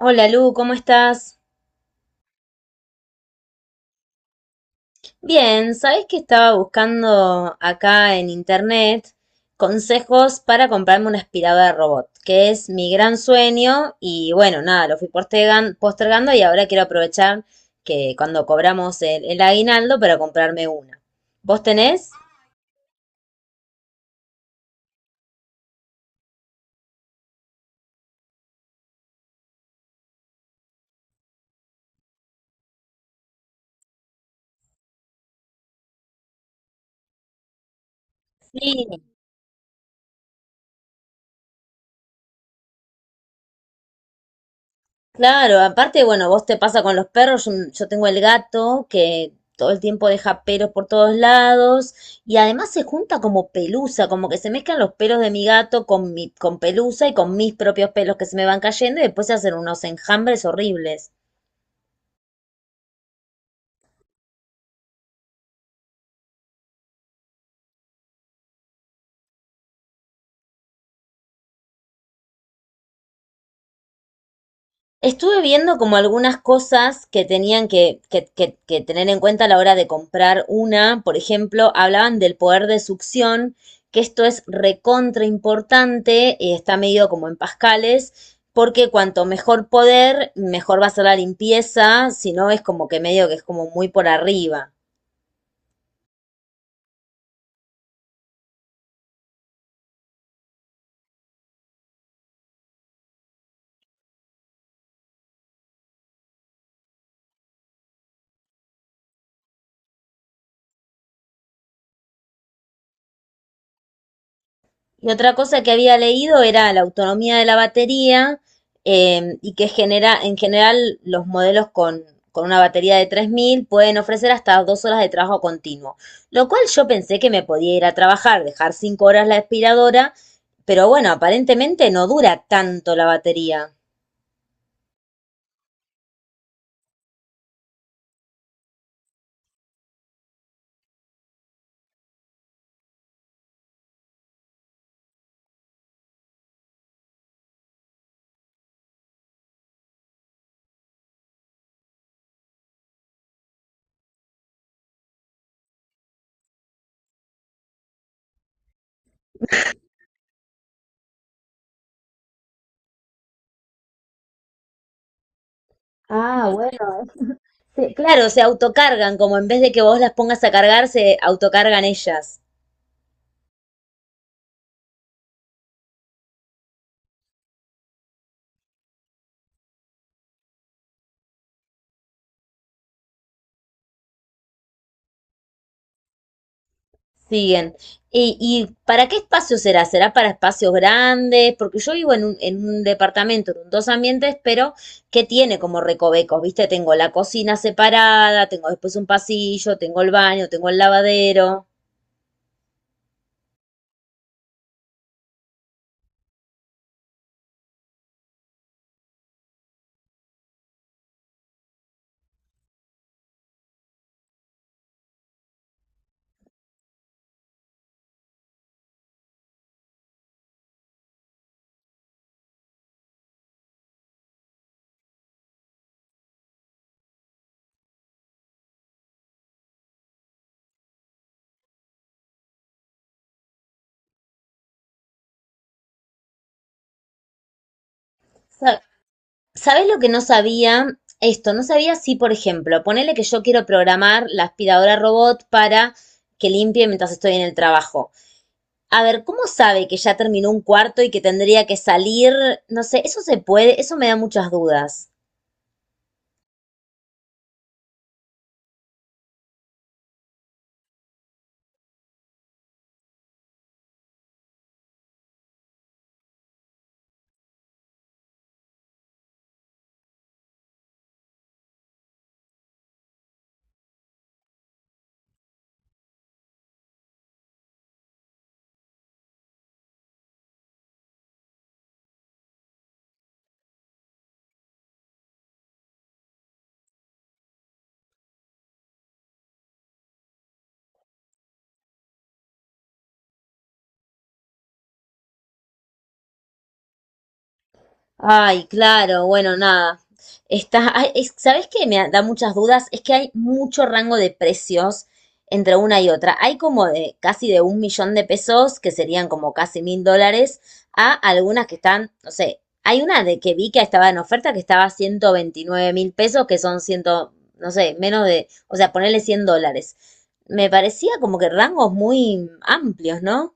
Hola Lu, ¿cómo estás? Bien, ¿sabés que estaba buscando acá en internet consejos para comprarme una aspiradora de robot, que es mi gran sueño y bueno, nada, lo fui postergando y ahora quiero aprovechar que cuando cobramos el aguinaldo para comprarme una. ¿Vos tenés? Sí, claro, aparte, bueno, vos te pasa con los perros, yo tengo el gato que todo el tiempo deja pelos por todos lados y además se junta como pelusa, como que se mezclan los pelos de mi gato con pelusa y con mis propios pelos que se me van cayendo y después se hacen unos enjambres horribles. Estuve viendo como algunas cosas que tenían que tener en cuenta a la hora de comprar una. Por ejemplo, hablaban del poder de succión, que esto es recontra importante, está medido como en pascales, porque cuanto mejor poder, mejor va a ser la limpieza, si no es como que medio que es como muy por arriba. Y otra cosa que había leído era la autonomía de la batería y que en general los modelos con una batería de 3.000 pueden ofrecer hasta 2 horas de trabajo continuo, lo cual yo pensé que me podía ir a trabajar, dejar 5 horas la aspiradora, pero bueno, aparentemente no dura tanto la batería. Ah, bueno. Sí, claro, se autocargan, como en vez de que vos las pongas a cargar, se autocargan ellas. Siguen. ¿Y para qué espacio será? ¿Será para espacios grandes? Porque yo vivo en un departamento, en dos ambientes, pero que tiene como recovecos, ¿viste? Tengo la cocina separada, tengo después un pasillo, tengo el baño, tengo el lavadero. Sa- ¿Sabés lo que no sabía? Esto, no sabía si, por ejemplo, ponele que yo quiero programar la aspiradora robot para que limpie mientras estoy en el trabajo. A ver, ¿cómo sabe que ya terminó un cuarto y que tendría que salir? No sé, eso se puede, eso me da muchas dudas. Ay, claro, bueno, nada. Está, ay, ¿sabés qué me da muchas dudas? Es que hay mucho rango de precios entre una y otra. Hay como de casi de 1 millón de pesos, que serían como casi 1.000 dólares, a algunas que están, no sé, hay una de que vi que estaba en oferta que estaba a 129.000 pesos, que son ciento, no sé, menos de, o sea, ponerle 100 dólares. Me parecía como que rangos muy amplios, ¿no?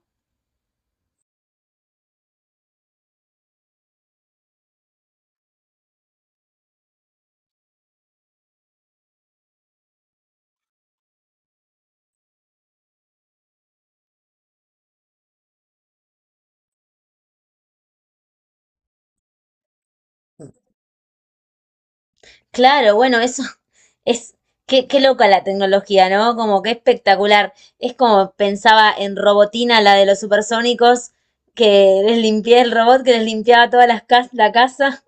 Claro, bueno, eso es, qué, qué loca la tecnología, ¿no? Como que espectacular. Es como pensaba en Robotina, la de los Supersónicos, que les limpié el robot, que les limpiaba todas las la casa.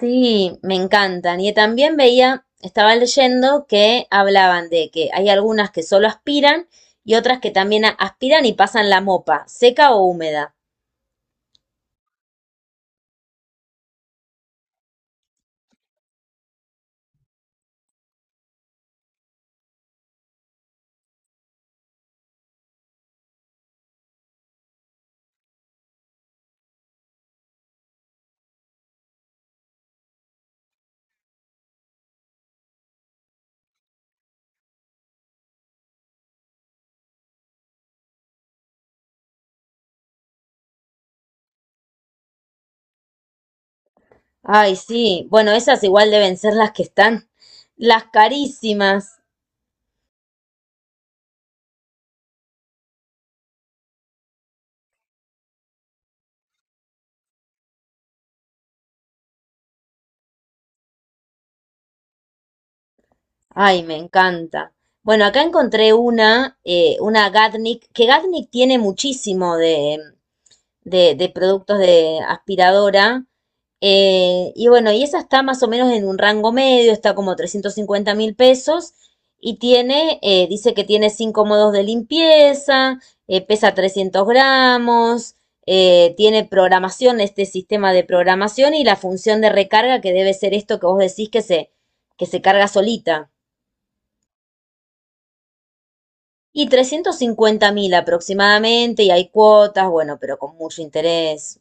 Sí, me encantan. Y también veía, estaba leyendo que hablaban de que hay algunas que solo aspiran y otras que también aspiran y pasan la mopa, seca o húmeda. Ay, sí, bueno, esas igual deben ser las que están, las carísimas. Ay, me encanta. Bueno, acá encontré una Gatnik, que Gatnik tiene muchísimo de productos de aspiradora. Y bueno, y esa está más o menos en un rango medio, está como 350.000 pesos. Y dice que tiene cinco modos de limpieza, pesa 300 gramos, tiene programación, este sistema de programación y la función de recarga que debe ser esto que vos decís que se, carga solita. Y 350.000 aproximadamente, y hay cuotas, bueno, pero con mucho interés.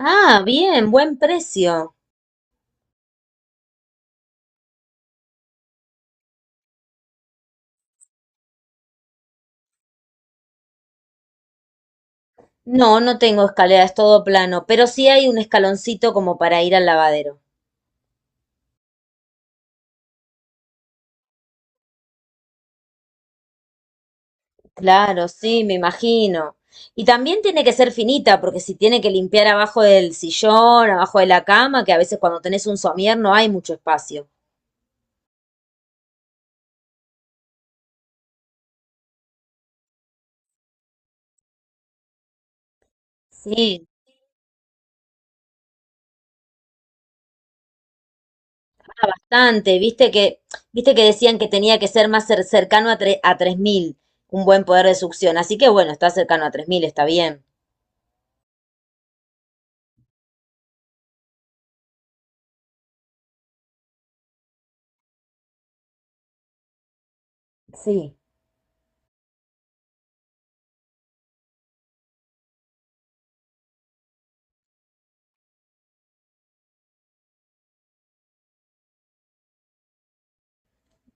Ah, bien, buen precio. No, no tengo escalera, es todo plano, pero sí hay un escaloncito como para ir al lavadero. Claro, sí, me imagino. Y también tiene que ser finita, porque si tiene que limpiar abajo del sillón, abajo de la cama, que a veces cuando tenés un somier no hay mucho espacio. Sí, bastante, viste que decían que tenía que ser más cercano a 3.000 un buen poder de succión, así que bueno, está cercano a 3.000 está bien. Sí.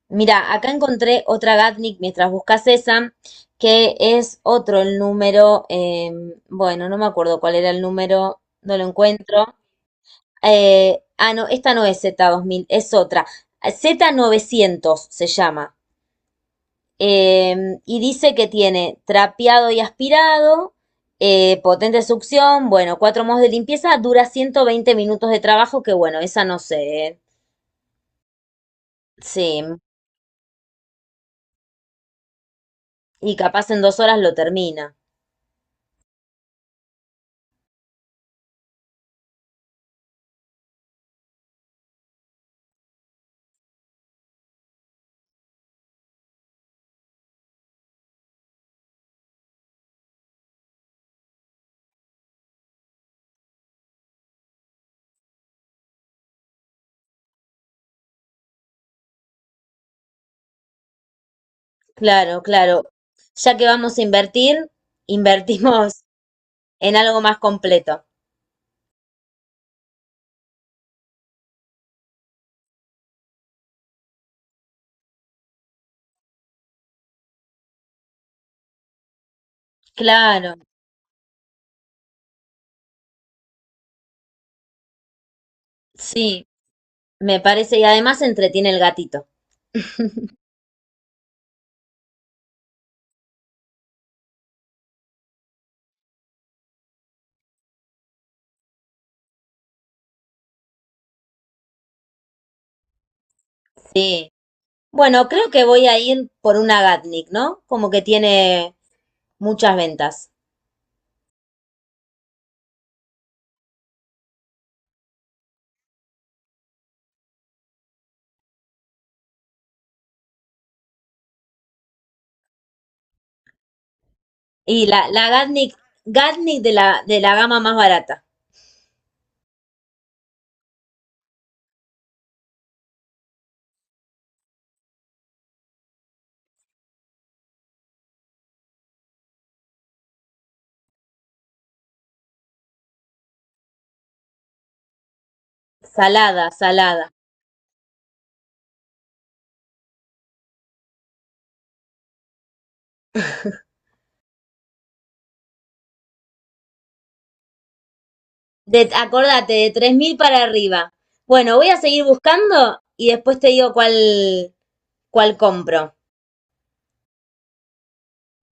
Mira, acá encontré otra Gatnik mientras buscas esa, que es otro el número, bueno, no me acuerdo cuál era el número, no lo encuentro. No, esta no es Z2000, es otra. Z900 se llama. Eh, y dice que tiene trapeado y aspirado, potente succión, bueno, cuatro modos de limpieza, dura 120 minutos de trabajo, que bueno, esa no sé, ¿eh? Sí, y capaz en 2 horas lo termina. Claro, claro. Ya que vamos a invertir, invertimos en algo más completo. Claro, sí, me parece, y además se entretiene el gatito. Sí. Bueno, creo que voy a ir por una Gatnik, ¿no? Como que tiene muchas ventas. Y la Gatnik, Gatnik de la gama más barata. Salada, salada. De, acordate, de 3.000 para arriba. Bueno, voy a seguir buscando y después te digo cuál compro.